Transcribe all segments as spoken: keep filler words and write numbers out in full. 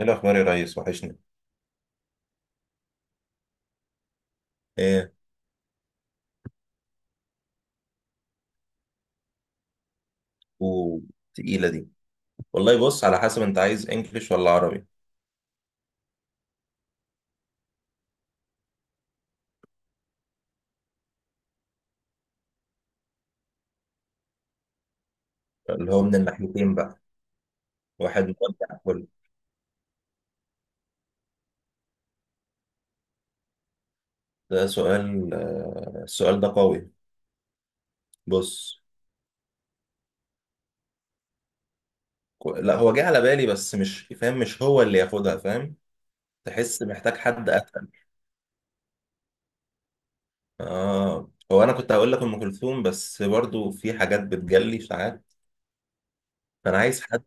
ايه الاخبار يا ريس. وحشني. ايه؟ وتقيله دي. والله بص، على حسب انت عايز انجليش ولا عربي. اللي هو من الناحيتين بقى. واحد مودع كل، ده سؤال. آه، السؤال ده قوي. بص. كو- لا، هو جه على بالي بس مش فاهم، مش هو اللي ياخدها، فاهم. تحس محتاج حد اتقل. اه، هو انا كنت هقول لك ام كلثوم، بس برضو في حاجات بتجلي ساعات، فانا عايز حد.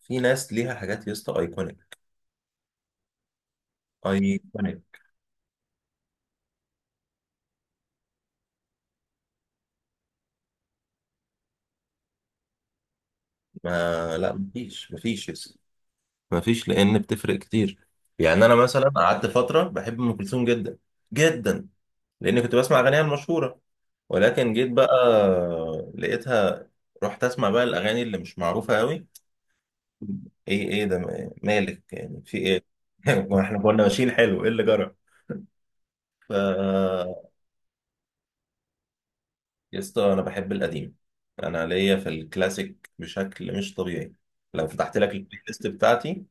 في ناس ليها حاجات يا اسطى ايكونيك. ايكونيك. ما لا، مفيش، مفيش مفيش، لان بتفرق كتير. يعني انا مثلا قعدت فتره بحب ام كلثوم جدا. جدا، لان كنت بسمع اغانيها المشهوره، ولكن جيت بقى لقيتها، رحت اسمع بقى الاغاني اللي مش معروفه قوي. ايه؟ ايه ده؟ مالك، يعني في ايه؟ ما احنا كنا ماشيين حلو، ايه اللي جرى. ف يا اسطى، انا بحب القديم. انا ليا في الكلاسيك بشكل مش طبيعي. لو فتحت لك البلاي ليست بتاعتي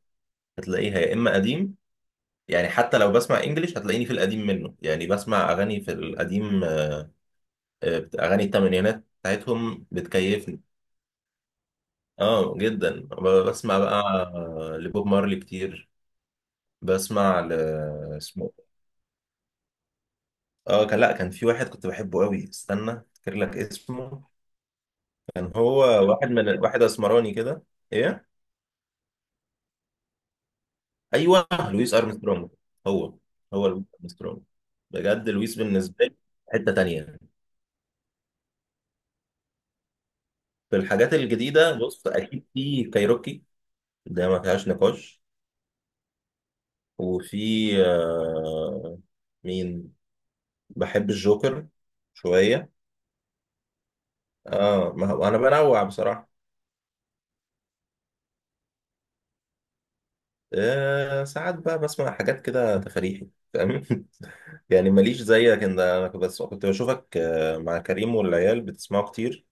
هتلاقيها يا اما قديم، يعني حتى لو بسمع انجليش هتلاقيني في القديم منه. يعني بسمع اغاني في القديم. آه، آه، بت- اغاني الثمانينات بتاعتهم بتكيفني. اه جدا. ب- بسمع بقى آه، لبوب مارلي كتير. بسمع ل اسمه. اه، كان، لا، كان في واحد كنت بحبه قوي، استنى افتكر لك اسمه. كان هو واحد من واحد اسمراني كده. ايه. ايوه، لويس ارمسترونج. هو هو لويس ارمسترونج. بجد لويس بالنسبه لي حته تانيه. في الحاجات الجديده، بص اكيد في كايروكي، ده ما فيهاش نقاش. وفي، آه مين، بحب الجوكر شوية. اه، ما هو انا بنوع بصراحة. آه ساعات بقى بسمع حاجات كده تفريحي، فاهم. يعني ماليش زيك انت، انا كنت- بس كنت بشوفك آه، مع كريم والعيال بتسمعوا كتير،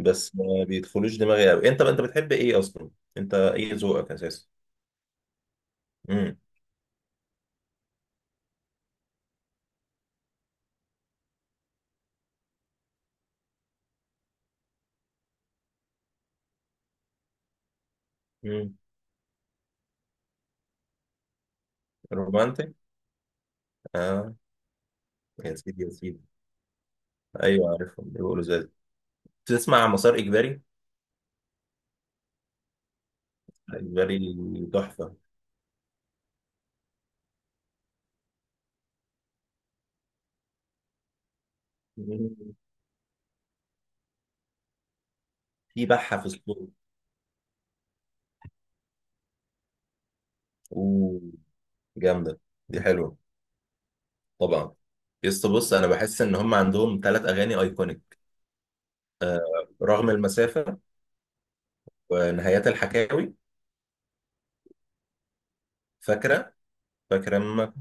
بس ما بيدخلوش دماغي قوي. انت انت بتحب ايه اصلا، انت ايه ذوقك اساسا. امم. امم. رومانتك. اه. يا سيدي يا سيدي. ايوه عارفهم، بيقولوا زي. تسمع مسار اجباري. اجباري، تحفه. في بحه في الصوت. اوه، جامده. دي حلوه، طبعا. يس، بص انا بحس ان هم عندهم ثلاث اغاني ايكونيك: رغم المسافه، ونهايات الحكاوي، فاكره. فاكره امك،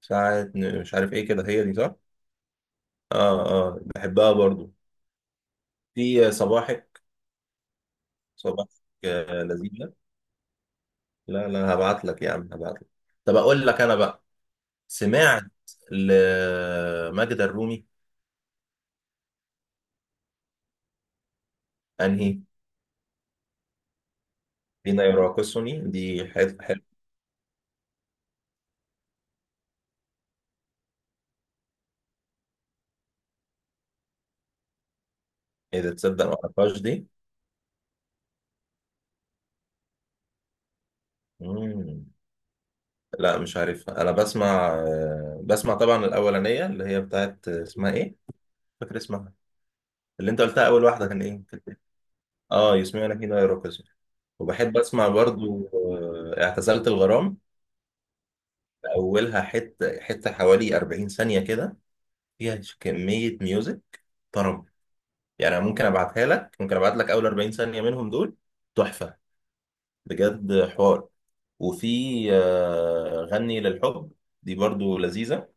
ساعه ن- مش عارف ايه كده، هي دي صح. اه. اه، بحبها برضو. في صباحك. صباحك. آه، لذيذه. لا لا، هبعت لك يا عم، هبعت لك. طب اقول لك انا بقى، سمعت لماجدة الرومي. انهي؟ فينا يراقصني، دي حلو حلو. إذا تصدق ما أعرفهاش دي. مم. لا مش عارفها، أنا بسمع، آه، بسمع طبعا الأولانية اللي هي بتاعت، آه، اسمها إيه؟ مش فاكر اسمها. اللي أنت قلتها أول واحدة، كان إيه؟ كانت إيه؟ آه يسمعنا فينا يراقصني. وبحب أسمع برضو آه، اعتزلت الغرام. أولها حتة حتة حوالي أربعين ثانية كده، فيها كمية ميوزك طرب. يعني أنا ممكن أبعتها لك ممكن أبعت لك أول أربعين ثانية منهم دول. تحفة، بجد حوار. وفي آه، غني للحب، دي برضو لذيذة،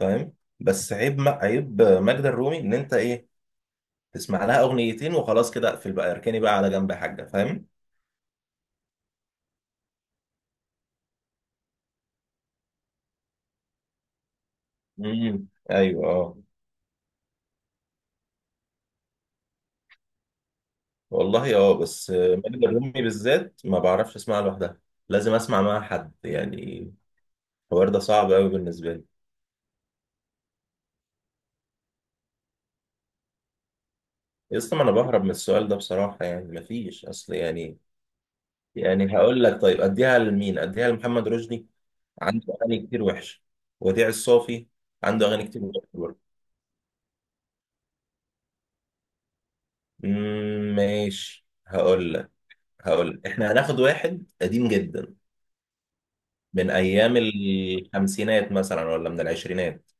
فاهم. بس عيب م- عيب ماجدة الرومي ان انت ايه، تسمع لها اغنيتين وخلاص كده، اقفل بقى، اركني بقى على جنب يا حاجة، فاهم. امم، ايوه، اه. والله اه، بس آه، ماجدة الرومي بالذات ما بعرفش اسمعها لوحدها، لازم اسمع معاها حد يعني. الحوار ده صعب قوي بالنسبة لي. اصلا ما انا بهرب من السؤال ده بصراحة، يعني مفيش اصل، يعني. يعني هقول لك طيب اديها لمين، اديها لمحمد رشدي، عنده اغاني كتير وحشه. وديع الصافي عنده اغاني كتير وحشه برضه. أمم، ماشي، هقول لك. هقول لك احنا هناخد واحد قديم جدا، من ايام الخمسينات مثلا، ولا من العشرينات.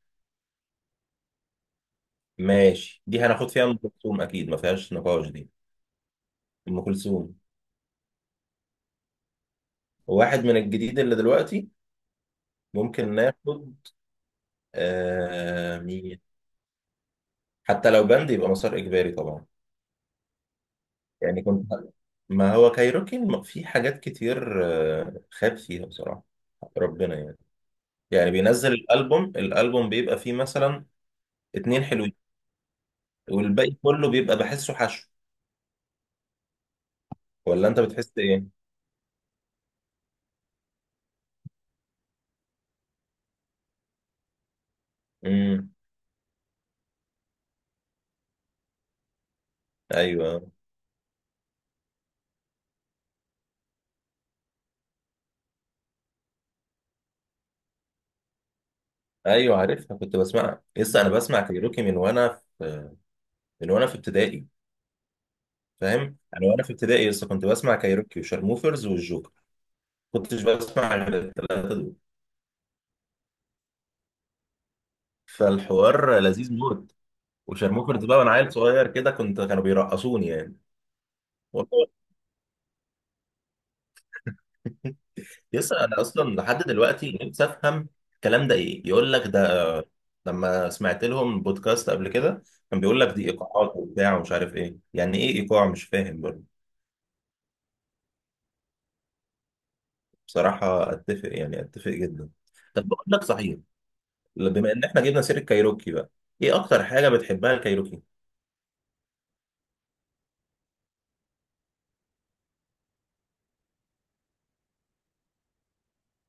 ماشي، دي هناخد فيها ام كلثوم، اكيد ما فيهاش نقاش دي. ام كلثوم. واحد من الجديد اللي دلوقتي، ممكن ناخد، آه مين. حتى لو بند يبقى مسار اجباري طبعا. يعني كنت، ما هو كايروكي الم- في حاجات كتير آه، خاب فيها بصراحة، ربنا يعني. يعني بينزل الالبوم الالبوم بيبقى فيه مثلا اتنين حلوين، والباقي كله بيبقى بحسه حشو. ولا انت بتحس ايه. امم. ايوه. ايوه عارفها، كنت بسمعها لسه، انا بسمع كايروكي من وانا في من وانا في ابتدائي، فاهم. انا وانا في ابتدائي لسه كنت بسمع كايروكي وشارموفرز والجوكر، كنتش بسمع غير الثلاثه دول. فالحوار لذيذ موت. وشارموفرز بقى، وانا عيل صغير كده، كنت كانوا بيرقصوني يعني. والله لسه انا اصلا لحد دلوقتي نفسي افهم الكلام ده ايه، يقول لك ده لما سمعت لهم بودكاست قبل كده، كان بيقول لك دي ايقاعات وبتاع ومش عارف ايه. يعني ايه ايقاع؟ مش فاهم برضه. بصراحة اتفق، يعني اتفق جدا. طب بقول لك صحيح، بما ان احنا جبنا سيرة كايروكي بقى، ايه اكتر حاجة بتحبها الكايروكي.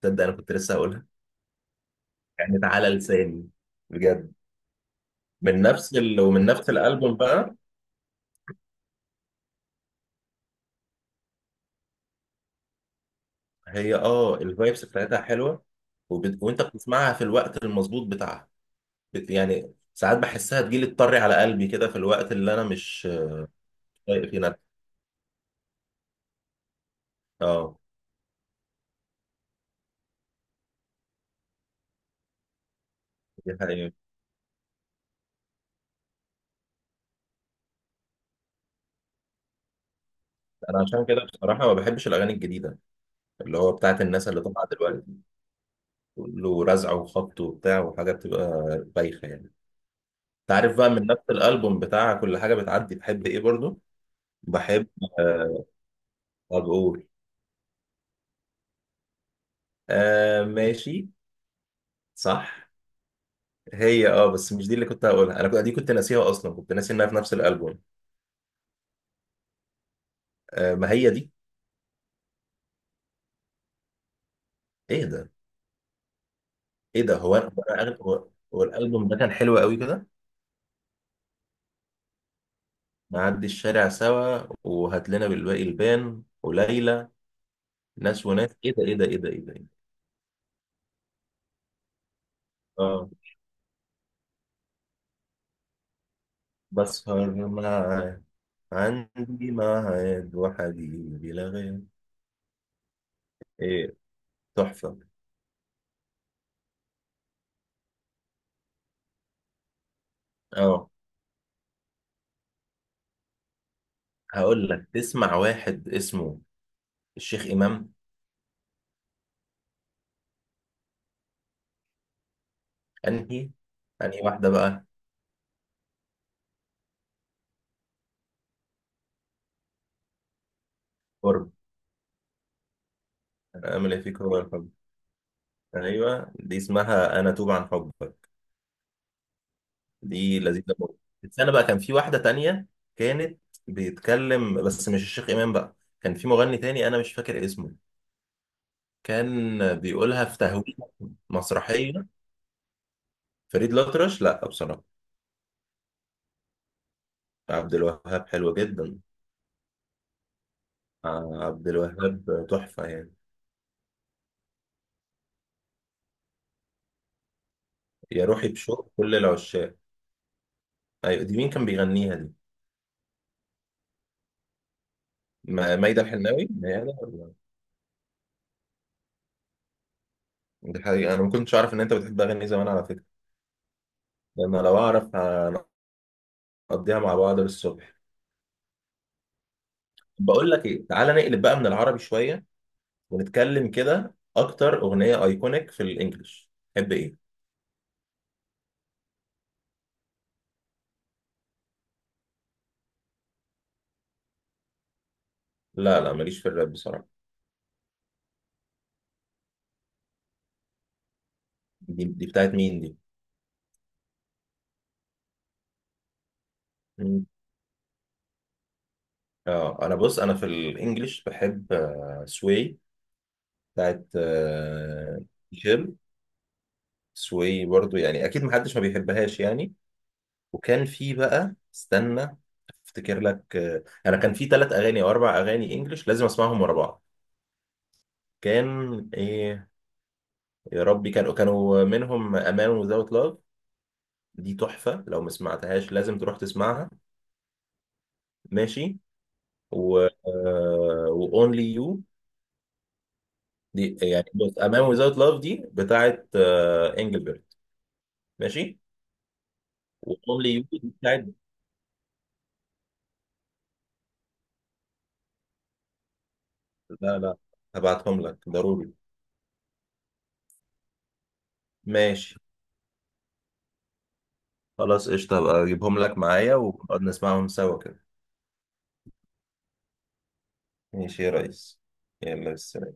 تصدق انا كنت لسه هقولها، يعني تعالى لساني، بجد. من نفس ال... ومن نفس الالبوم بقى، هي اه الفايبس بتاعتها حلوة. وبت... وانت بتسمعها في الوقت المظبوط بتاعها، بت... يعني ساعات بحسها تجيلي، تطري على قلبي كده في الوقت اللي انا مش طايق فيه. اه، دي حقيقة. انا عشان كده بصراحة ما بحبش الاغاني الجديدة، اللي هو بتاعت الناس اللي طالعة دلوقتي، كله رزع وخبط وبتاع، وحاجة بتبقى بايخة يعني. انت عارف بقى، من نفس الالبوم بتاع كل حاجة بتعدي، بحب ايه برضو؟ بحب آه بقول. آه ماشي. صح، هي اه، بس مش دي اللي كنت هقولها، انا كنت دي، كنت ناسيها اصلا، كنت ناسي انها في نفس الالبوم. آه ما هي دي. ايه ده؟ ايه ده؟ هو انا هو أنا أغل- هو، هو الالبوم ده كان حلو قوي كده. نعدي الشارع سوا، وهات لنا بالباقي البان وليلى، ناس وناس، ايه ده ايه ده ايه ده ايه ده إيه ده؟ اه، بسهر معاه، عندي ميعاد وحبيبي لا غير. ايه، تحفة. اه، هقول لك تسمع واحد اسمه الشيخ إمام. انهي؟ انهي واحدة بقى. قرب، انا امل فيك هو الحب. ايوه، دي اسمها انا توب عن حبك. دي لذيذة برضه. بس أنا بقى كان في واحدة تانية، كانت بيتكلم بس مش الشيخ إمام بقى، كان في مغني تاني أنا مش فاكر اسمه، كان بيقولها في تهويه مسرحية. فريد الأطرش لا بصراحة. عبد الوهاب حلو جدا. آه، عبد الوهاب تحفة يعني. يا روحي بشوق كل العشاق. أيوة، دي مين كان بيغنيها دي؟ ما- مايدة الحناوي هي ده ولا؟ دي حقيقة. أنا ما كنتش أعرف إن أنت بتحب أغني زمان على فكرة، لأن لو أعرف هنقضيها مع بعض للصبح. بقول لك ايه، تعالى نقلب بقى من العربي شويه، ونتكلم كده، اكتر اغنيه ايكونيك في الانجليش تحب ايه؟ لا لا، ماليش في الراب بصراحه. دي دي بتاعت مين دي؟ مم. اه، انا بص انا في الانجليش بحب آه، سوي، بتاعت آه، جيل. سوي برضو يعني اكيد محدش ما بيحبهاش يعني. وكان في بقى، استنى افتكر لك، آه، انا كان في ثلاث اغاني او اربع اغاني انجليش لازم اسمعهم ورا بعض. كان ايه؟ يا ربي، كانوا كانوا منهم امان وذاوت لاف، دي تحفة، لو ما سمعتهاش لازم تروح تسمعها. ماشي. و آه، و Only You. دي يعني، بص، A Man Without Love دي بتاعت آه، انجلبرت. ماشي. و Only You دي بتاعت. لا لا، هبعتهم لك ضروري. ماشي، خلاص قشطة، هبقى اجيبهم لك معايا ونقعد نسمعهم سوا كده. ماشي يا ريس. يلا بس.